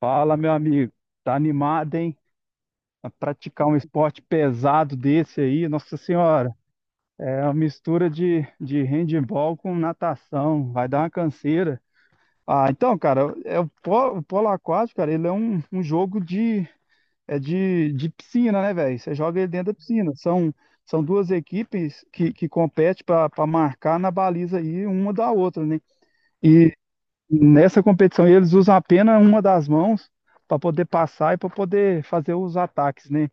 Fala, meu amigo. Tá animado, hein? A praticar um esporte pesado desse aí, Nossa Senhora. É uma mistura de handebol com natação. Vai dar uma canseira. Então, cara, é o, o polo aquático, cara, ele é um jogo de piscina, né, velho? Você joga ele dentro da piscina. São duas equipes que competem para marcar na baliza aí uma da outra, né? Nessa competição, eles usam apenas uma das mãos para poder passar e para poder fazer os ataques, né?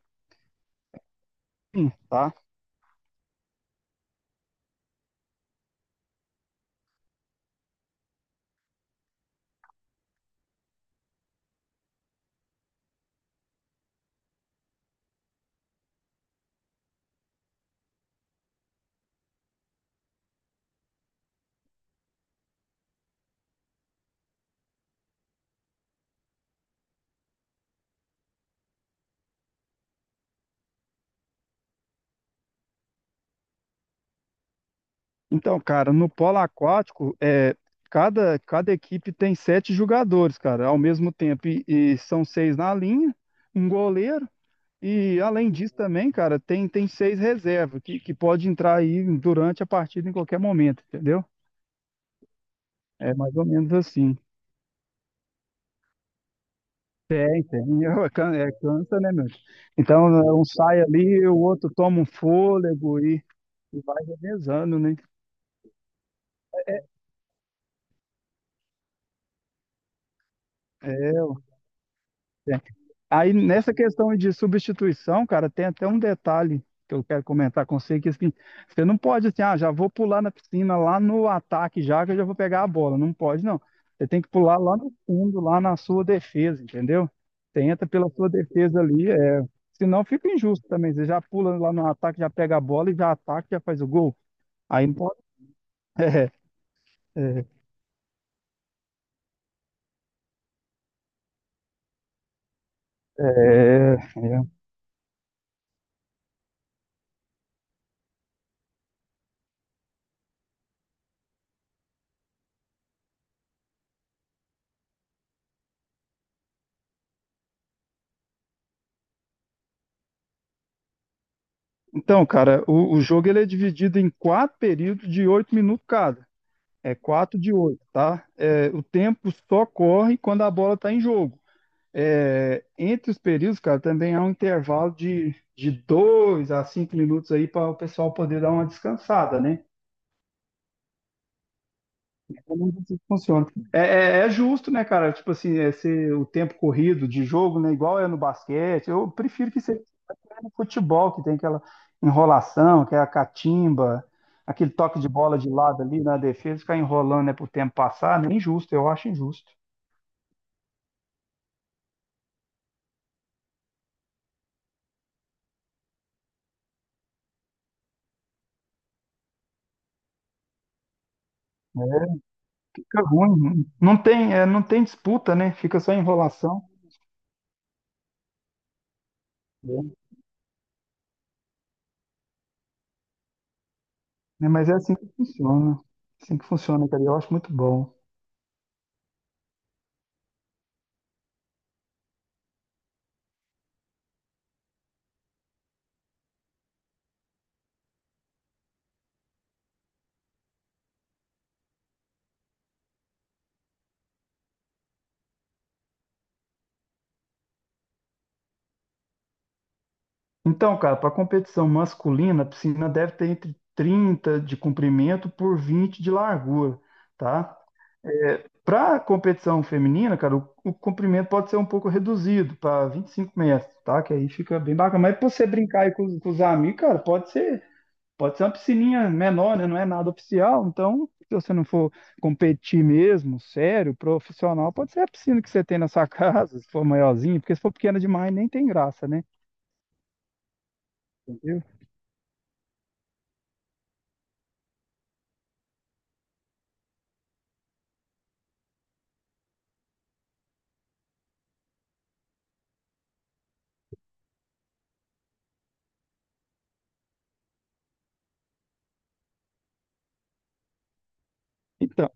Hum. Tá? Então, cara, no polo aquático, é, cada equipe tem 7 jogadores, cara, ao mesmo tempo. E são 6 na linha, um goleiro. E além disso também, cara, tem 6 reservas que pode entrar aí durante a partida em qualquer momento, entendeu? É mais ou menos assim. Tem, tem. É, é, cansa, né, meu? Então, né, um sai ali, o outro toma um fôlego e vai revezando, né? É, Aí nessa questão de substituição, cara, tem até um detalhe que eu quero comentar com você, que assim, você não pode assim, ah, já vou pular na piscina lá no ataque já que eu já vou pegar a bola. Não pode, não. Você tem que pular lá no fundo, lá na sua defesa, entendeu? Você entra pela sua defesa ali, é... senão fica injusto também. Você já pula lá no ataque, já pega a bola e já ataca, já faz o gol. Aí não pode. É, é, é, é. Então, cara, o jogo ele é dividido em 4 períodos de 8 minutos cada. É 4 de 8, tá? É, o tempo só corre quando a bola está em jogo. É, entre os períodos, cara, também há um intervalo de 2 a 5 minutos aí para o pessoal poder dar uma descansada, né? Como isso funciona. É, é justo, né, cara? Tipo assim, é ser o tempo corrido de jogo, né? Igual é no basquete. Eu prefiro que seja no futebol, que tem aquela enrolação, que é a catimba, aquele toque de bola de lado ali na defesa, ficar enrolando, né, pro tempo passar, né? É injusto, eu acho injusto. Né? Fica ruim, né? Não tem, é, não tem disputa, né? Fica só enrolação, né? Mas é assim que funciona. Assim que funciona, cara. E eu acho muito bom. Então, cara, para competição masculina, a piscina deve ter entre 30 de comprimento por 20 de largura, tá? Para competição feminina, cara, o comprimento pode ser um pouco reduzido para 25 metros, tá? Que aí fica bem bacana. Mas para você brincar aí com, com os amigos, cara, pode ser. Pode ser uma piscininha menor, né? Não é nada oficial. Então, se você não for competir mesmo, sério, profissional, pode ser a piscina que você tem na sua casa, se for maiorzinha, porque se for pequena demais, nem tem graça, né? Entendeu? Então,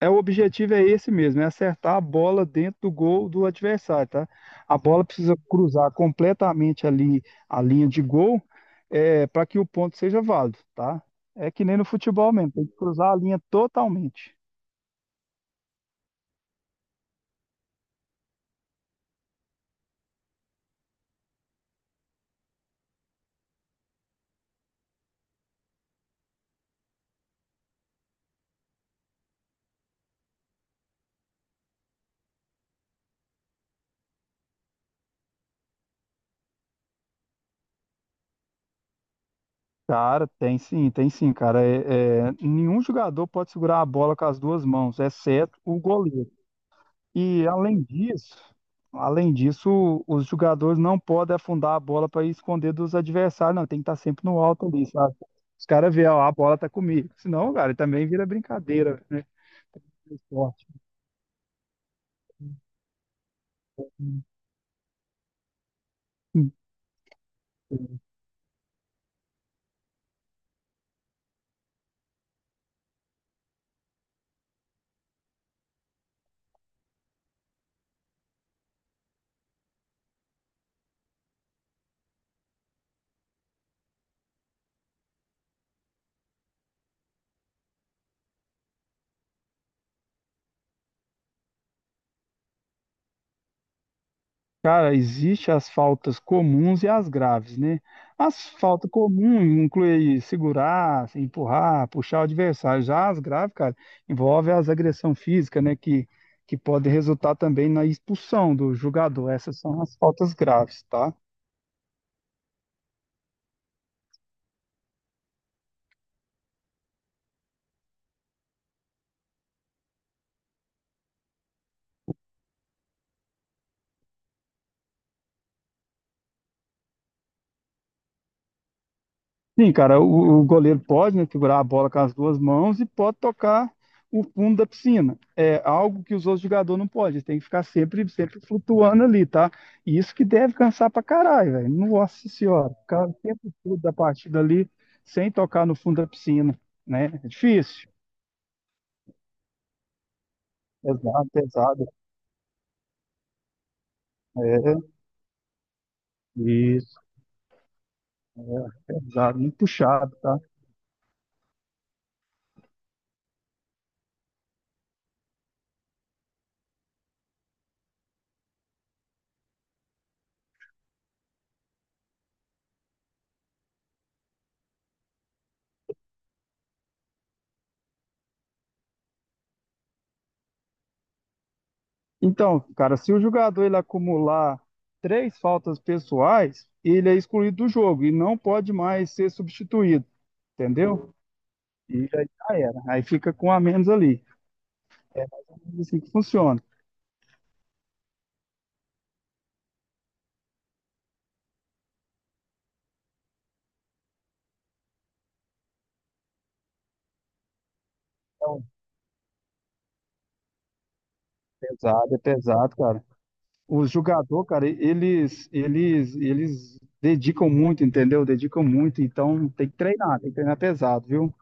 é, o objetivo é esse mesmo, é acertar a bola dentro do gol do adversário, tá? A bola precisa cruzar completamente ali a linha de gol, é, para que o ponto seja válido, tá? É que nem no futebol mesmo, tem que cruzar a linha totalmente. Cara, tem sim, cara. Nenhum jogador pode segurar a bola com as duas mãos, exceto o goleiro. E além disso, os jogadores não podem afundar a bola para esconder dos adversários, não. Tem que estar sempre no alto ali, sabe? Os caras veem, ó, a bola tá comigo. Senão, cara, também vira brincadeira, né? Do esporte. Cara, existem as faltas comuns e as graves, né? As faltas comuns incluem segurar, empurrar, puxar o adversário. Já as graves, cara, envolve as agressão física, né? Que pode resultar também na expulsão do jogador. Essas são as faltas graves, tá? Sim, cara, o goleiro pode, né, segurar a bola com as duas mãos e pode tocar o fundo da piscina. É algo que os outros jogadores não podem. Eles têm que ficar sempre flutuando ali, tá? E isso que deve cansar pra caralho, velho. Nossa senhora, ficar o tempo todo da partida ali sem tocar no fundo da piscina, né? É difícil. Pesado, pesado. É, isso, pesado, muito puxado, tá? Então, cara, se o jogador ele acumular 3 faltas pessoais, ele é excluído do jogo e não pode mais ser substituído, entendeu? E aí já era. Aí fica com um a menos ali. É Assim que funciona. Então, pesado, é pesado, cara. O jogador, cara, eles dedicam muito, entendeu? Dedicam muito, então tem que treinar pesado, viu?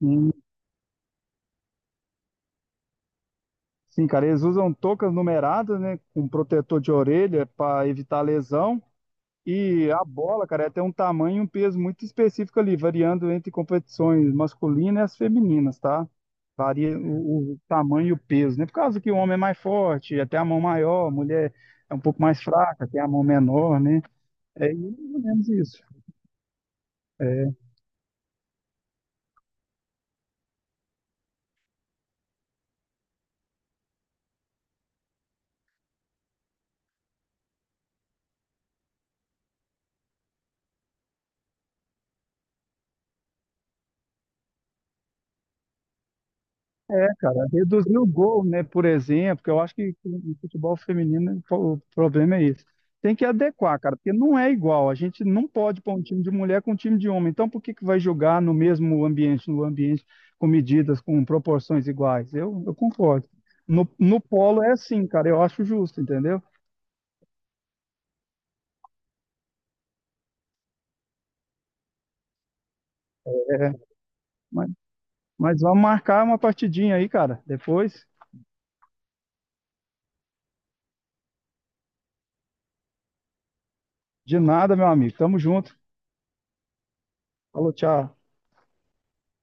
E sim, cara, eles usam toucas numeradas, né, com protetor de orelha para evitar lesão. E a bola, cara, tem um tamanho e um peso muito específico ali, variando entre competições masculinas e as femininas, tá? Varia o tamanho e o peso, né? Por causa que o homem é mais forte, até a mão maior, a mulher é um pouco mais fraca, tem a mão menor, né? É mais ou menos isso. É, É, cara, reduzir o gol, né, por exemplo, que eu acho que no futebol feminino o problema é esse. Tem que adequar, cara, porque não é igual. A gente não pode pôr um time de mulher com um time de homem. Então, por que que vai jogar no mesmo ambiente, no ambiente com medidas, com proporções iguais? Eu concordo. No polo é assim, cara, eu acho justo, entendeu? É, mas, vamos marcar uma partidinha aí, cara, depois. De nada, meu amigo. Tamo junto. Falou, tchau.